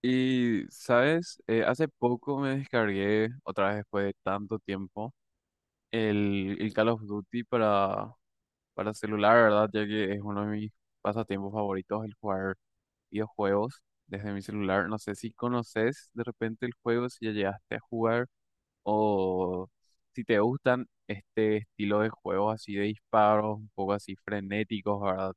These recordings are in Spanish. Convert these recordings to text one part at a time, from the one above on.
Y, ¿sabes? Hace poco me descargué, otra vez después de tanto tiempo, el Call of Duty para celular, ¿verdad? Ya que es uno de mis pasatiempos favoritos, el jugar videojuegos desde mi celular. No sé si conoces de repente el juego, si ya llegaste a jugar, o si te gustan este estilo de juegos así de disparos, un poco así frenéticos, ¿verdad?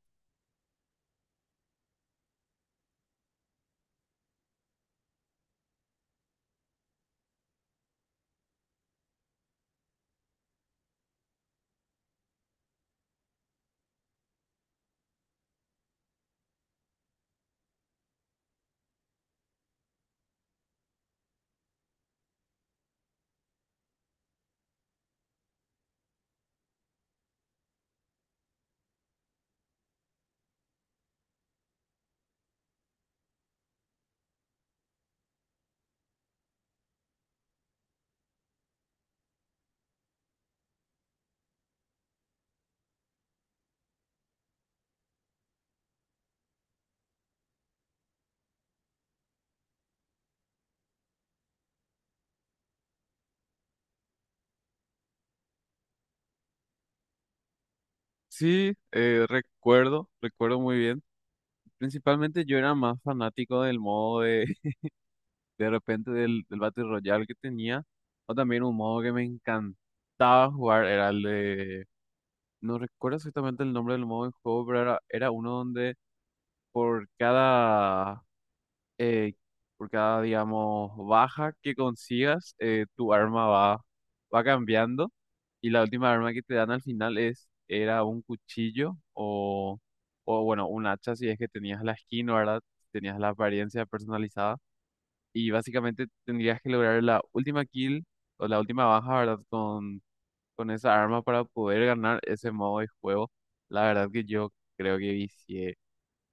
Sí, recuerdo muy bien. Principalmente yo era más fanático del modo de, de repente del Battle Royale que tenía, o también un modo que me encantaba jugar, era el de, no recuerdo exactamente el nombre del modo de juego, pero era uno donde por cada eh, por cada, digamos, baja que consigas, tu arma va cambiando. Y la última arma que te dan al final es, era un cuchillo o bueno, un hacha si es que tenías la skin, ¿verdad? Tenías la apariencia personalizada. Y básicamente tendrías que lograr la última kill o la última baja, ¿verdad? Con esa arma para poder ganar ese modo de juego. La verdad que yo creo que vicié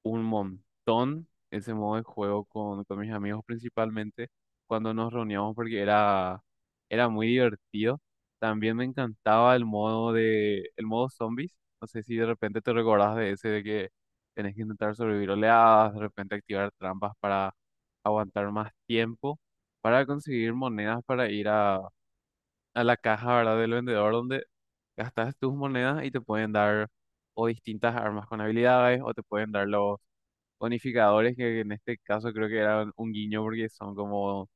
un montón ese modo de juego con mis amigos, principalmente cuando nos reuníamos, porque era muy divertido. También me encantaba el modo de, el modo zombies. No sé si de repente te recordás de ese de que tenés que intentar sobrevivir oleadas, de repente activar trampas para aguantar más tiempo, para conseguir monedas para ir a la caja, ¿verdad? Del vendedor donde gastas tus monedas y te pueden dar o distintas armas con habilidades o te pueden dar los bonificadores, que en este caso creo que eran un guiño porque son como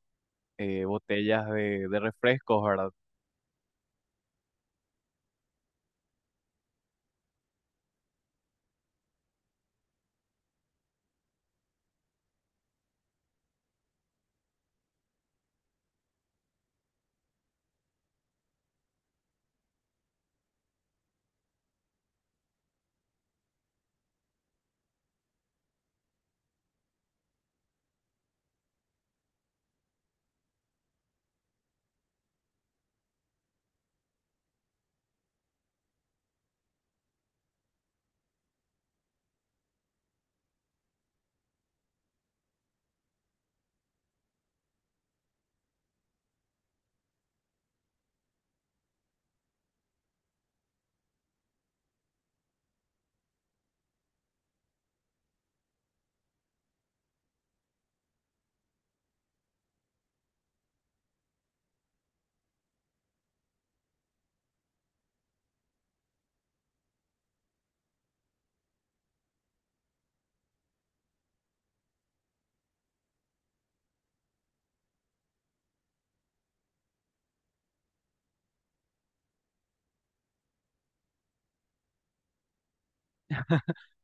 botellas de refrescos, ¿verdad?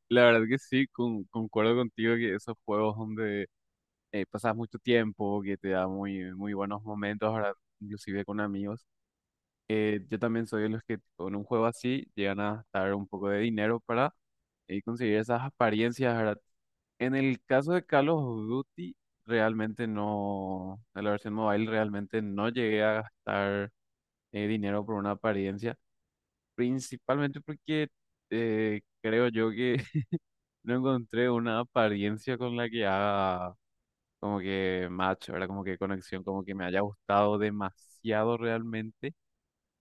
La verdad que sí, concuerdo contigo que esos juegos donde pasas mucho tiempo, que te da muy buenos momentos, ¿verdad? Inclusive con amigos. Yo también soy de los que con un juego así llegan a gastar un poco de dinero para conseguir esas apariencias, ¿verdad? En el caso de Call of Duty, realmente no, de la versión mobile realmente no llegué a gastar dinero por una apariencia, principalmente porque creo yo que no encontré una apariencia con la que haga como que match, ¿verdad? Como que conexión, como que me haya gustado demasiado realmente,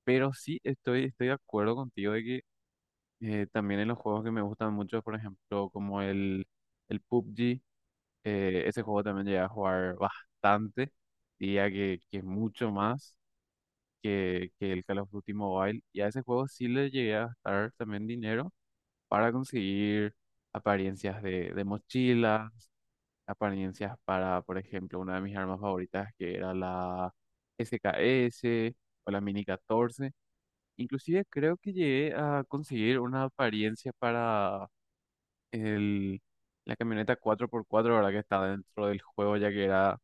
pero sí estoy de acuerdo contigo de que también en los juegos que me gustan mucho, por ejemplo, como el PUBG, ese juego también llegué a jugar bastante, diría que mucho más que el Call of Duty Mobile. Y a ese juego sí le llegué a gastar también dinero para conseguir apariencias de mochilas, apariencias para, por ejemplo, una de mis armas favoritas que era la SKS o la Mini 14. Inclusive creo que llegué a conseguir una apariencia para el, la camioneta cuatro por cuatro ahora que está dentro del juego, ya que era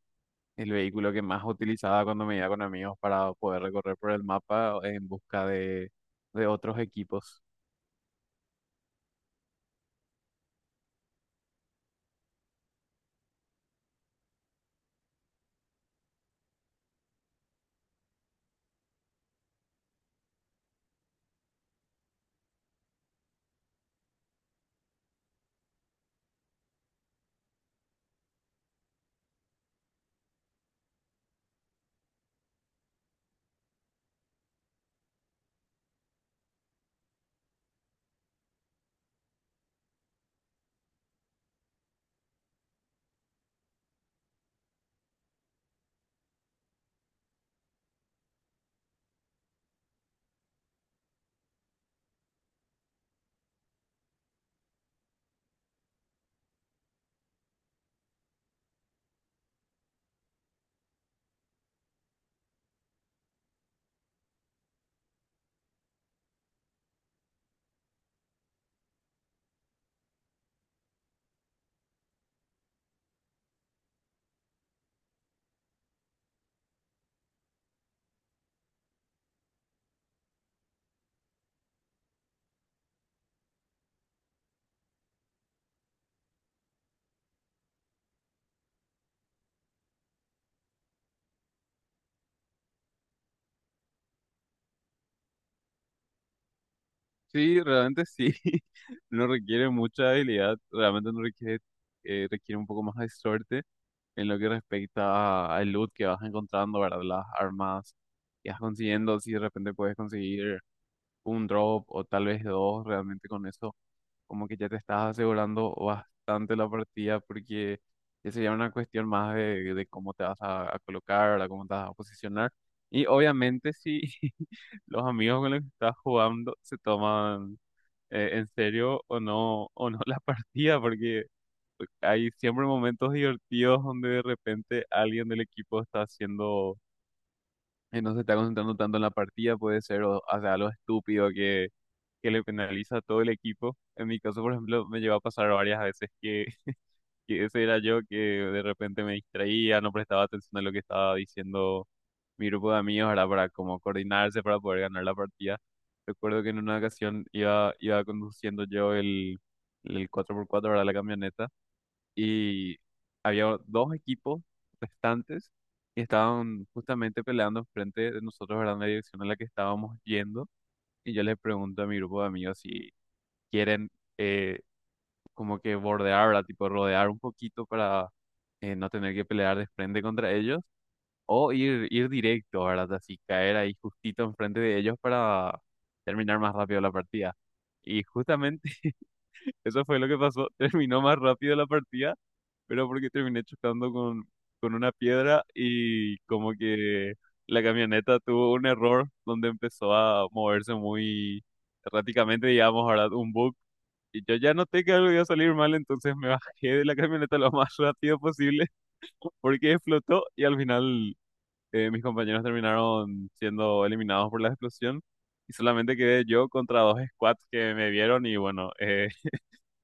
el vehículo que más utilizaba cuando me iba con amigos para poder recorrer por el mapa en busca de otros equipos. Sí, realmente sí. No requiere mucha habilidad, realmente no requiere, requiere un poco más de suerte en lo que respecta al loot que vas encontrando, ¿verdad? Las armas que vas consiguiendo, si de repente puedes conseguir un drop o tal vez dos, realmente con eso como que ya te estás asegurando bastante la partida porque ya sería una cuestión más de cómo te vas a colocar, ¿verdad? Cómo te vas a posicionar. Y obviamente si los amigos con los que estás jugando se toman en serio o no la partida, porque hay siempre momentos divertidos donde de repente alguien del equipo está haciendo, no se está concentrando tanto en la partida, puede ser, o hace algo estúpido que le penaliza a todo el equipo. En mi caso, por ejemplo, me llegó a pasar varias veces que, que ese era yo que de repente me distraía, no prestaba atención a lo que estaba diciendo mi grupo de amigos, ¿verdad? Para como coordinarse para poder ganar la partida. Recuerdo que en una ocasión iba conduciendo yo el cuatro por cuatro, verdad, la camioneta, y había dos equipos restantes y estaban justamente peleando frente de nosotros, ¿verdad? En la dirección en la que estábamos yendo. Y yo les pregunto a mi grupo de amigos si quieren eh, como que bordear, ¿verdad? Tipo rodear un poquito para no tener que pelear de frente contra ellos o ir directo, ¿verdad? Así caer ahí justito enfrente de ellos para terminar más rápido la partida. Y justamente eso fue lo que pasó. Terminó más rápido la partida, pero porque terminé chocando con una piedra y como que la camioneta tuvo un error donde empezó a moverse muy erráticamente, digamos, ¿verdad? Un bug y yo ya noté que algo iba a salir mal, entonces me bajé de la camioneta lo más rápido posible porque explotó y al final mis compañeros terminaron siendo eliminados por la explosión y solamente quedé yo contra dos squads que me vieron y bueno,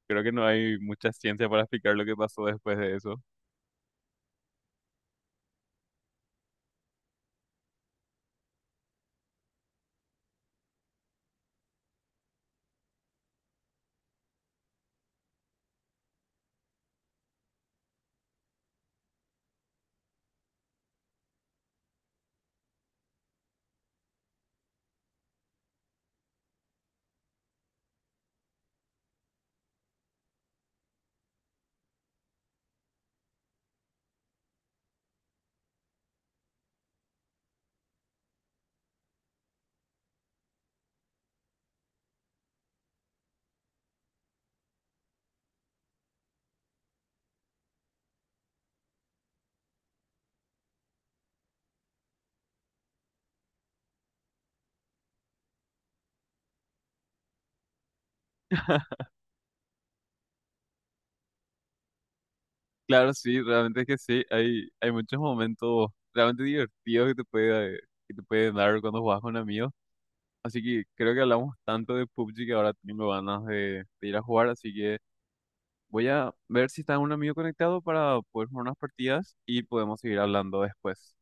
creo que no hay mucha ciencia para explicar lo que pasó después de eso. Claro, sí, realmente es que sí, hay muchos momentos realmente divertidos que te puede dar cuando juegas con amigos. Así que creo que hablamos tanto de PUBG que ahora tengo ganas de ir a jugar, así que... Voy a ver si está un amigo conectado para poder jugar unas partidas y podemos seguir hablando después.